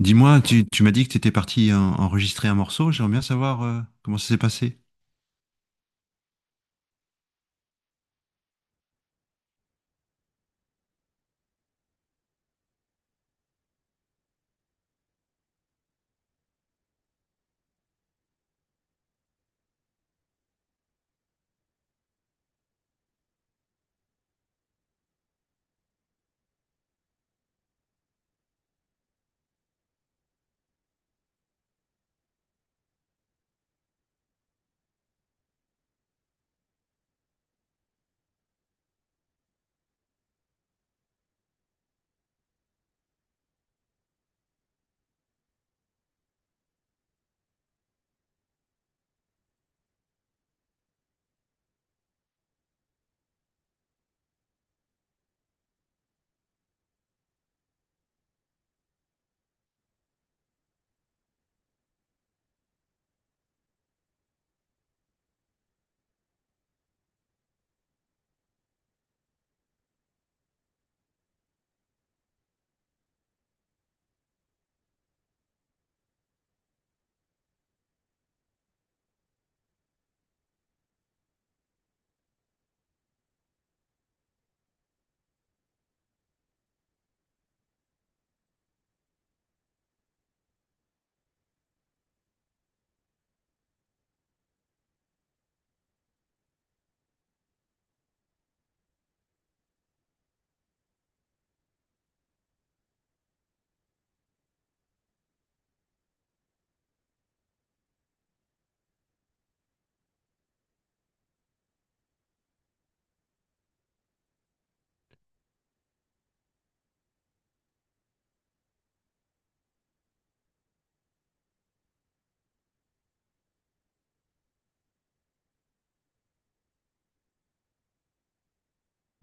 Dis-moi, tu m'as dit que tu étais enregistrer un morceau. J'aimerais bien savoir comment ça s'est passé.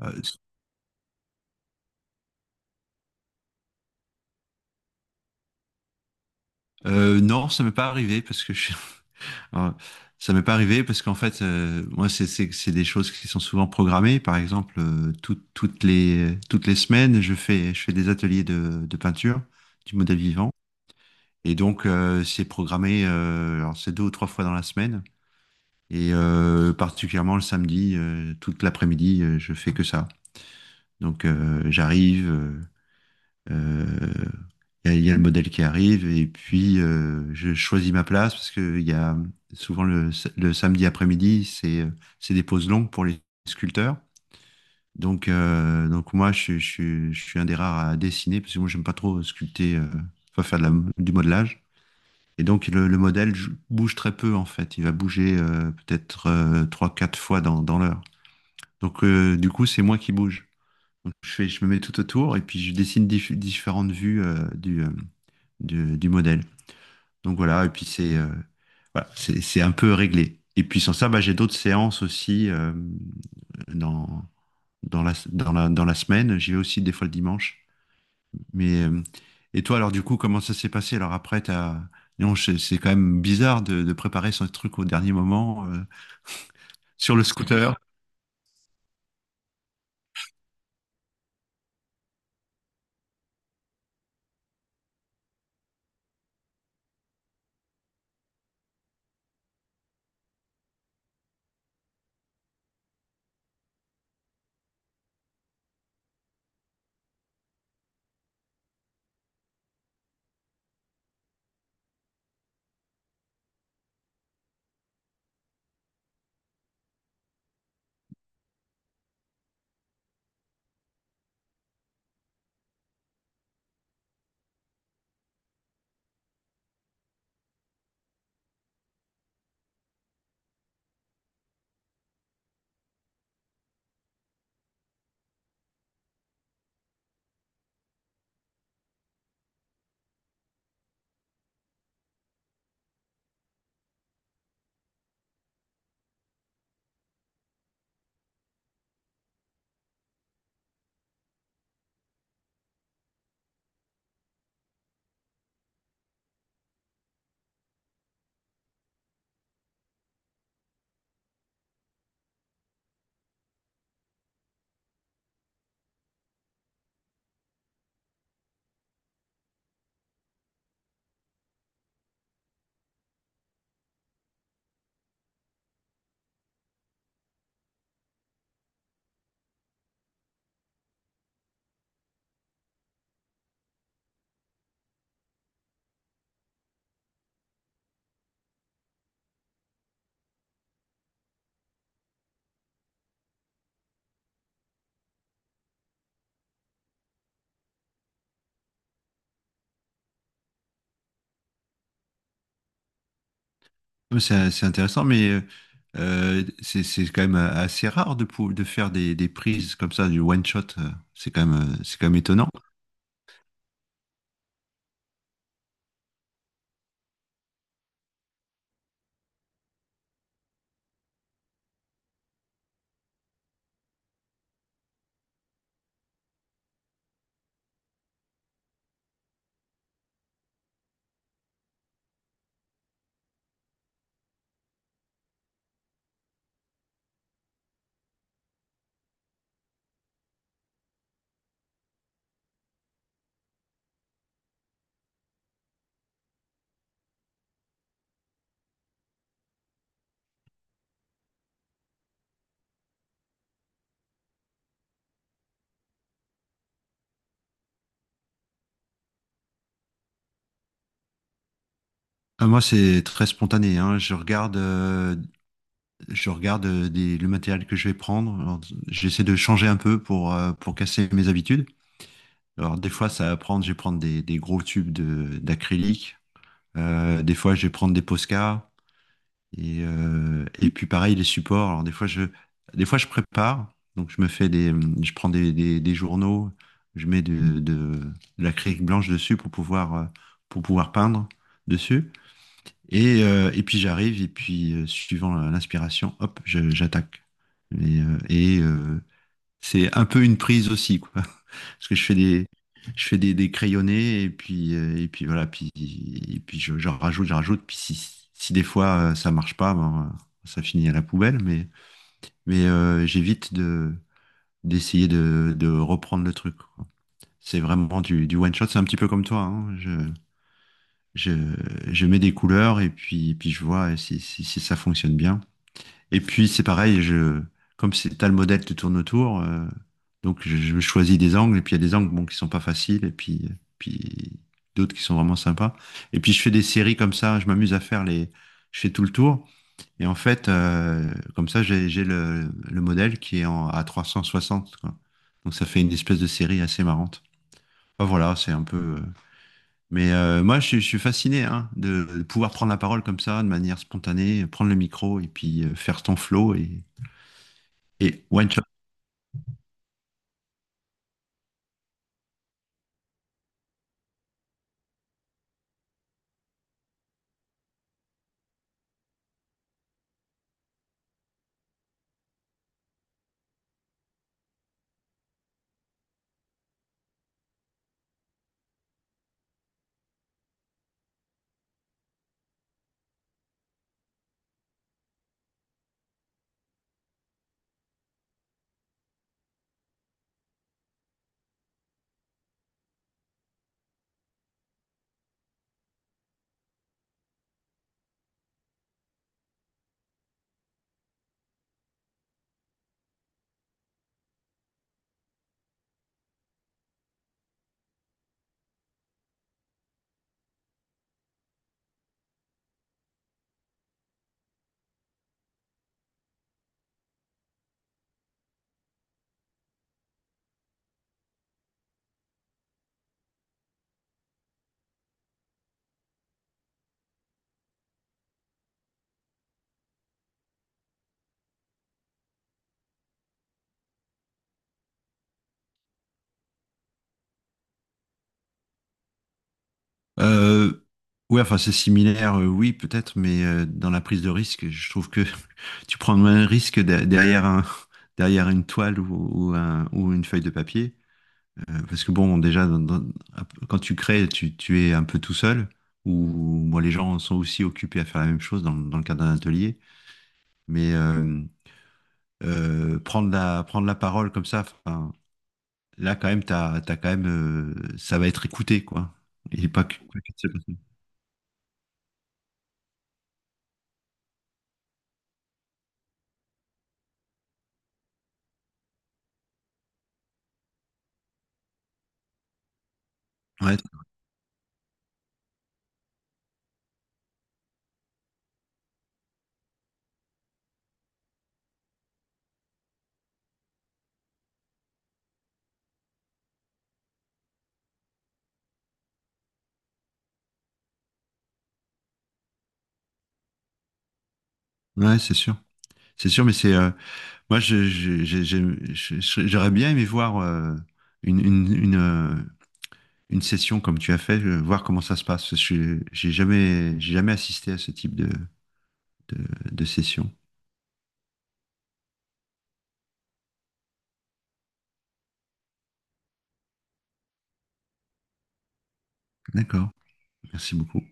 Euh, non, ça m'est pas arrivé parce que Alors, ça m'est pas arrivé parce qu'en fait, moi, c'est des choses qui sont souvent programmées. Par exemple, toutes toutes les semaines, je fais des ateliers de peinture du modèle vivant. Et donc, c'est programmé, alors c'est deux ou trois fois dans la semaine. Et particulièrement le samedi, toute l'après-midi, je fais que ça. Donc, j'arrive. Euh, il y a le modèle qui arrive et puis je choisis ma place parce que il y a souvent le samedi après-midi, c'est des pauses longues pour les sculpteurs. Donc moi, je suis un des rares à dessiner parce que moi, j'aime pas trop sculpter, enfin du modelage. Et donc, bouge très peu en fait. Il va bouger peut-être trois, quatre fois dans l'heure. Donc, du coup, c'est moi qui bouge. Donc, je me mets tout autour et puis je différentes vues du modèle. Donc voilà, et puis c'est voilà, c'est un peu réglé. Et puis sans ça, bah, j'ai d'autres séances aussi dans, dans la semaine. J'y vais aussi des fois le dimanche. Mais, et toi, alors du coup, comment ça s'est passé? Alors après, t'as... Non, c'est quand même bizarre de préparer son truc au dernier moment sur le scooter. C'est intéressant, mais c'est quand même assez rare de faire des prises comme ça, du one shot. C'est quand même étonnant. Ah, moi, c'est très spontané, hein. Je regarde le matériel que je vais prendre. Alors, j'essaie de changer un peu pour casser mes habitudes. Alors, des fois, je vais prendre des gros tubes d'acrylique. Des fois, je vais prendre des Posca. Et puis, pareil, les supports. Alors, des fois, je prépare. Donc, je prends des journaux. Je mets de l'acrylique blanche dessus pour pouvoir peindre dessus. Et puis j'arrive, et puis suivant l'inspiration, hop, j'attaque. Et, c'est un peu une prise aussi, quoi. Parce que je fais des crayonnés, et puis voilà, et puis j'en rajoute, j'en rajoute. Puis si des fois ça marche pas, ben, ça finit à la poubelle, mais j'évite d'essayer de reprendre le truc, quoi. C'est vraiment du one shot, c'est un petit peu comme toi, hein. Je, je mets des couleurs et puis, puis je vois si ça fonctionne bien. Et puis c'est pareil, comme c'est t'as le modèle qui tourne autour, donc je choisis des angles et puis il y a des angles bon, qui sont pas faciles et puis, puis d'autres qui sont vraiment sympas. Et puis je fais des séries comme ça, je m'amuse à faire les, je fais tout le tour. Et en fait, comme ça, j'ai le modèle qui est en, à 360, quoi. Donc ça fait une espèce de série assez marrante. Enfin, voilà, c'est un peu. Mais moi, je suis fasciné hein, de pouvoir prendre la parole comme ça, de manière spontanée, prendre le micro et puis faire ton flow et one shot. Euh, ouais, enfin, c'est similaire, oui, peut-être, mais dans la prise de risque, je trouve que tu prends moins de risque derrière un, derrière une toile ou, ou une feuille de papier. Parce que bon, déjà, quand tu crées, tu es un peu tout seul, ou moi, les gens sont aussi occupés à faire la même chose dans, dans le cadre d'un atelier. Mais, prendre la parole comme ça, enfin, là, quand même, t'as quand même, ça va être écouté, quoi. Et pas que, pas qu'une seule personne. Ouais, ouais, c'est sûr. C'est sûr, mais c'est, moi, j'aurais bien aimé voir une, une session comme tu as fait, voir comment ça se passe. Je suis- j'ai jamais assisté à ce type de, de session. D'accord. Merci beaucoup.